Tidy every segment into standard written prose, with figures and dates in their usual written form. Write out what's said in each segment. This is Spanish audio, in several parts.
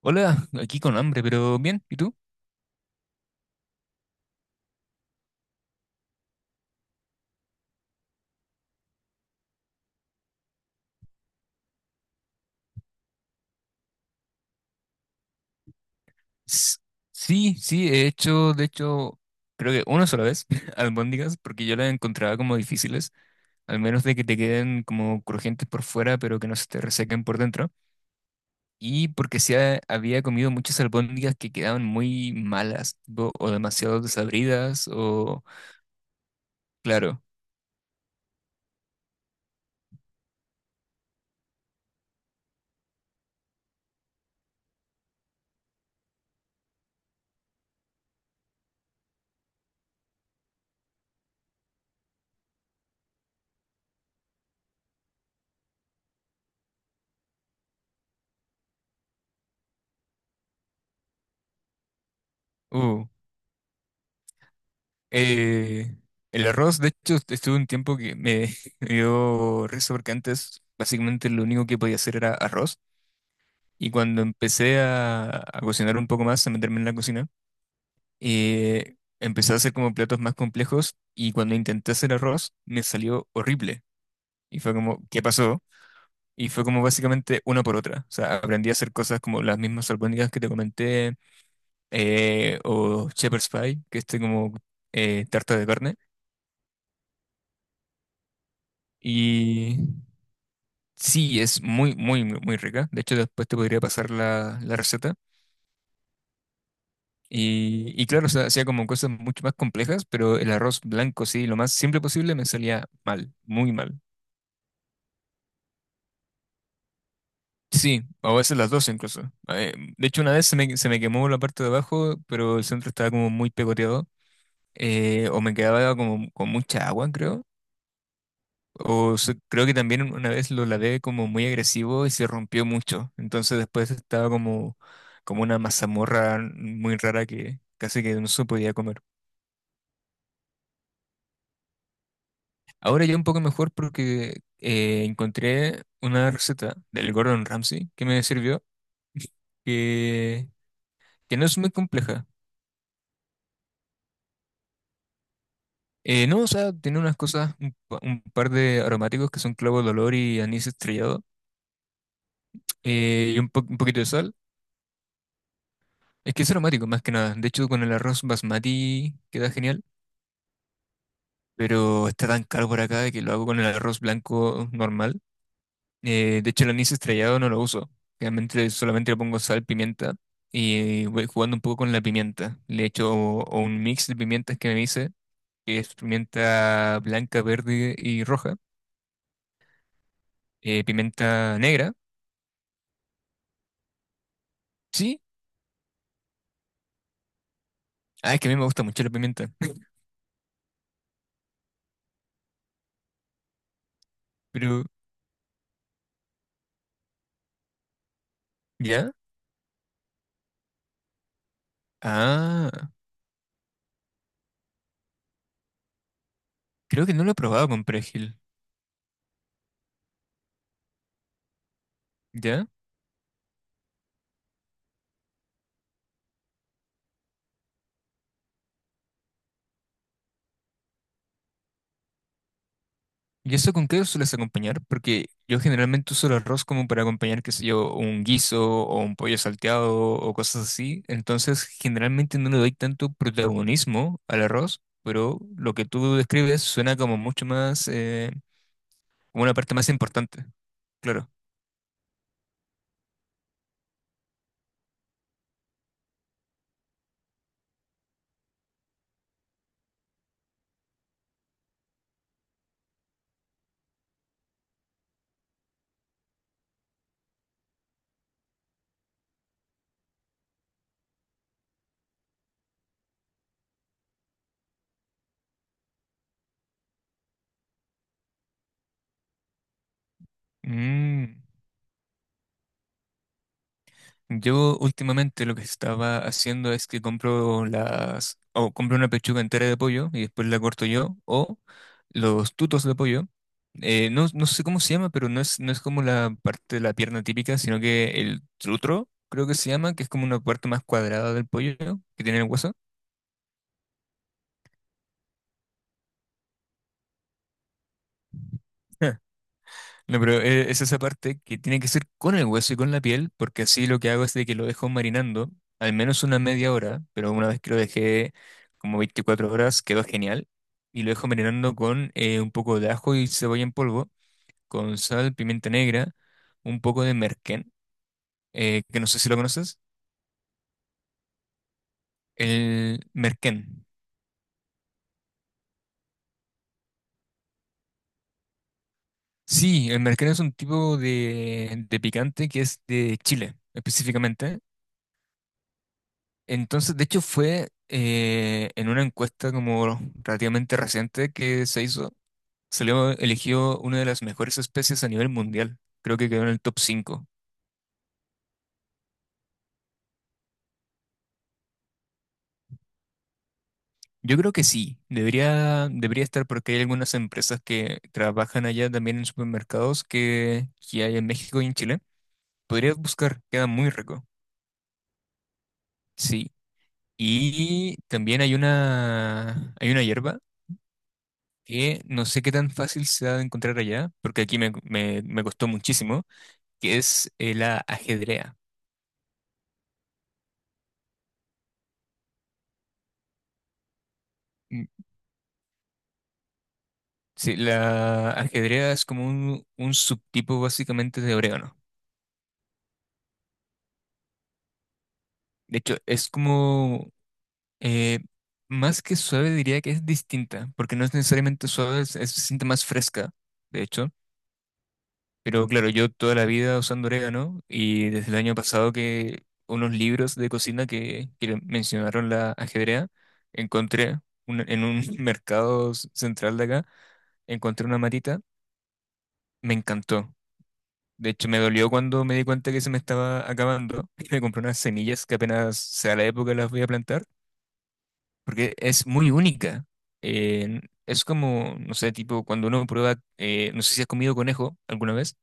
Hola, aquí con hambre, pero bien, ¿y tú? S- sí, he hecho, de hecho, creo que una sola vez, albóndigas, porque yo las encontraba como difíciles, al menos de que te queden como crujientes por fuera, pero que no se te resequen por dentro. Y porque sí había comido muchas albóndigas que quedaban muy malas, tipo, o demasiado desabridas, o, claro. uh, eh, el arroz, de hecho, estuve un tiempo me dio risa porque antes básicamente lo único que podía hacer era arroz. Y cuando empecé a cocinar un poco más, a meterme en la cocina, empecé a hacer como platos más complejos y cuando intenté hacer arroz me salió horrible. Y fue como, ¿qué pasó? Y fue como básicamente una por otra. O sea, aprendí a hacer cosas como las mismas albóndigas que te comenté, o shepherd's pie, que es este como tarta de carne. Y sí, es muy, muy, muy muy rica. De hecho, después te podría pasar la receta. Y claro, o sea, hacía como cosas mucho más complejas, pero el arroz blanco, sí, lo más simple posible me salía mal, muy mal. Sí, a veces las dos incluso. De hecho, una vez se me quemó la parte de abajo, pero el centro estaba como muy pegoteado, o me quedaba como con mucha agua, creo. Creo que también una vez lo lavé como muy agresivo y se rompió mucho. Entonces después estaba como como una mazamorra muy rara que casi que no se podía comer. Ahora ya un poco mejor porque encontré una receta del Gordon Ramsay que me sirvió, que, que no es muy compleja. No, o sea, tiene unas cosas, un par de aromáticos que son clavo de olor y anís estrellado, y un poquito de sal. Es que es aromático más que nada. De hecho, con el arroz basmati queda genial, pero está tan caro por acá que lo hago con el arroz blanco normal. De hecho, el anís estrellado no lo uso. Realmente solamente le pongo sal, pimienta y voy jugando un poco con la pimienta. Le echo o un mix de pimientas que me hice, que es pimienta blanca, verde y roja. Pimienta negra, sí. Ah, es que a mí me gusta mucho la pimienta. Pero, ¿ya? Ah, creo que no lo he probado con perejil. ¿Ya? ¿Y eso con qué lo sueles acompañar? Porque yo generalmente uso el arroz como para acompañar, qué sé yo, un guiso o un pollo salteado o cosas así. Entonces, generalmente no le doy tanto protagonismo al arroz, pero lo que tú describes suena como mucho más, como una parte más importante. Claro. Mm. Yo últimamente lo que estaba haciendo es que compro las, o compro una pechuga entera de pollo y después la corto yo, o los tutos de pollo. No sé cómo se llama, pero no es como la parte de la pierna típica, sino que el trutro, creo que se llama, que es como una parte más cuadrada del pollo, ¿no?, que tiene el hueso. No, pero es esa parte que tiene que ser con el hueso y con la piel, porque así lo que hago es de que lo dejo marinando al menos una media hora, pero una vez que lo dejé como 24 horas quedó genial, y lo dejo marinando con un poco de ajo y cebolla en polvo, con sal, pimienta negra, un poco de merquén, que no sé si lo conoces, el merquén. Sí, el merquén es un tipo de picante que es de Chile, específicamente. Entonces, de hecho, fue en una encuesta como relativamente reciente que se hizo, salió elegido una de las mejores especies a nivel mundial. Creo que quedó en el top cinco. Yo creo que sí, debería estar porque hay algunas empresas que trabajan allá también en supermercados que hay en México y en Chile. Podrías buscar, queda muy rico. Sí. Y también hay una hierba que no sé qué tan fácil se ha de encontrar allá, porque me costó muchísimo, que es la ajedrea. Mm, Sí, la ajedrea es como un subtipo básicamente de orégano. De hecho, es como eh, más que suave diría que es distinta, porque no es necesariamente suave, se siente más fresca, de hecho. Pero claro, yo toda la vida usando orégano y desde el año pasado que unos libros de cocina que mencionaron la ajedrea, encontré en un central de acá, encontré una matita, me encantó. De hecho, me dolió cuando me di cuenta que se me estaba acabando. Me compré unas semillas que apenas sea la época las voy a plantar, porque es muy única. Eh, es como, no sé, tipo cuando uno prueba, no sé si has comido conejo alguna vez.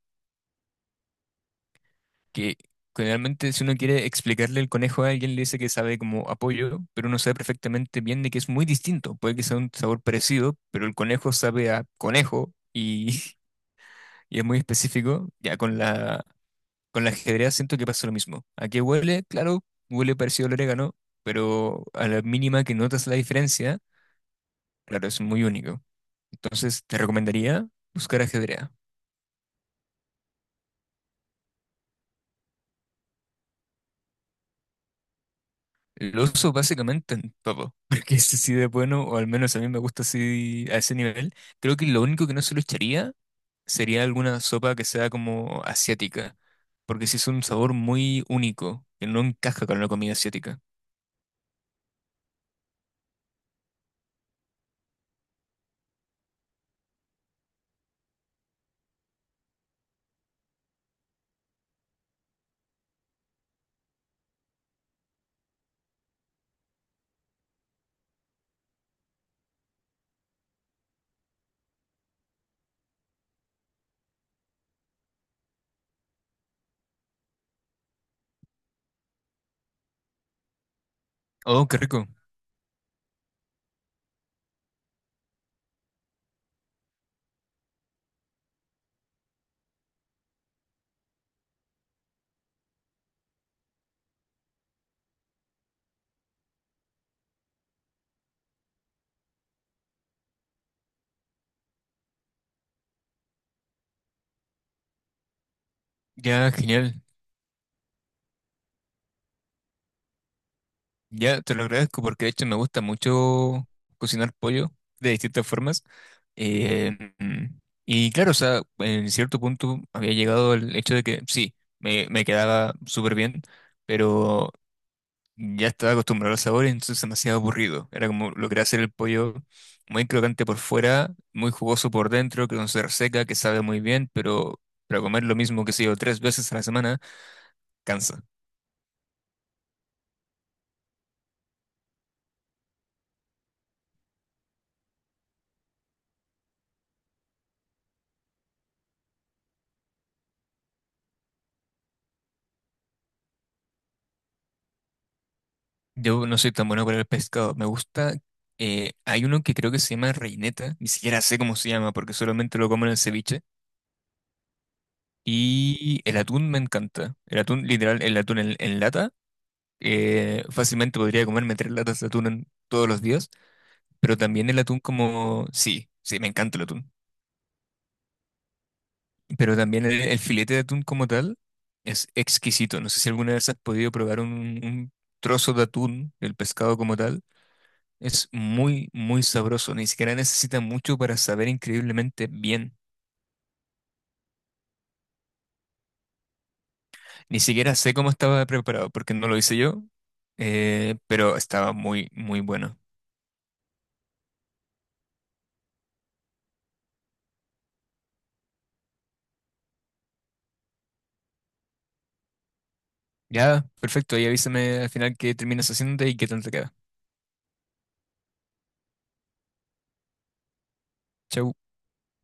Que generalmente si uno quiere explicarle el conejo a alguien, le dice que sabe como apoyo, pero uno sabe perfectamente bien de que es muy distinto. Puede que sea un sabor parecido, pero el conejo sabe a conejo y y es muy específico. Ya con con la ajedrez siento que pasa lo mismo. ¿A qué huele? Claro, huele parecido al orégano, pero a la mínima que notas la diferencia, claro, es muy único. Entonces te recomendaría buscar ajedrea. Lo uso básicamente en todo, porque es así de bueno, o al menos a mí me gusta así a ese nivel. Creo que lo único que no se lo echaría sería alguna sopa que sea como asiática, porque sí es un sabor muy único, que no encaja con la comida asiática. Oh, qué rico. Ya, genial. Ya, te lo agradezco porque de hecho me gusta mucho cocinar pollo de distintas formas. Eh, mm, y claro, o sea, en cierto punto había llegado el hecho de que sí, me quedaba súper bien, pero ya estaba acostumbrado al sabor y entonces demasiado aburrido. Era como logré hacer el pollo muy crocante por fuera, muy jugoso por dentro, que no se reseca, que sabe muy bien, pero para comer lo mismo que sé yo tres veces a la semana, cansa. Yo no soy tan bueno para el pescado. Me gusta. Hay uno que creo que se llama reineta. Ni siquiera sé cómo se llama porque solamente lo como en el ceviche. Y el atún me encanta. El atún, literal, el atún en lata. Fácilmente podría comerme tres latas de atún todos los días. Pero también el atún como... Sí, sí, me encanta el atún. Pero también el filete de atún como tal es exquisito. No sé si alguna vez has podido probar un trozo de atún, el pescado como tal. Es muy, muy sabroso. Ni siquiera necesita mucho para saber increíblemente bien. Ni siquiera sé cómo estaba preparado porque no lo hice yo, pero estaba muy, muy bueno. Ya, perfecto. Y avísame al final qué terminas haciéndote y qué tal te queda. Chau.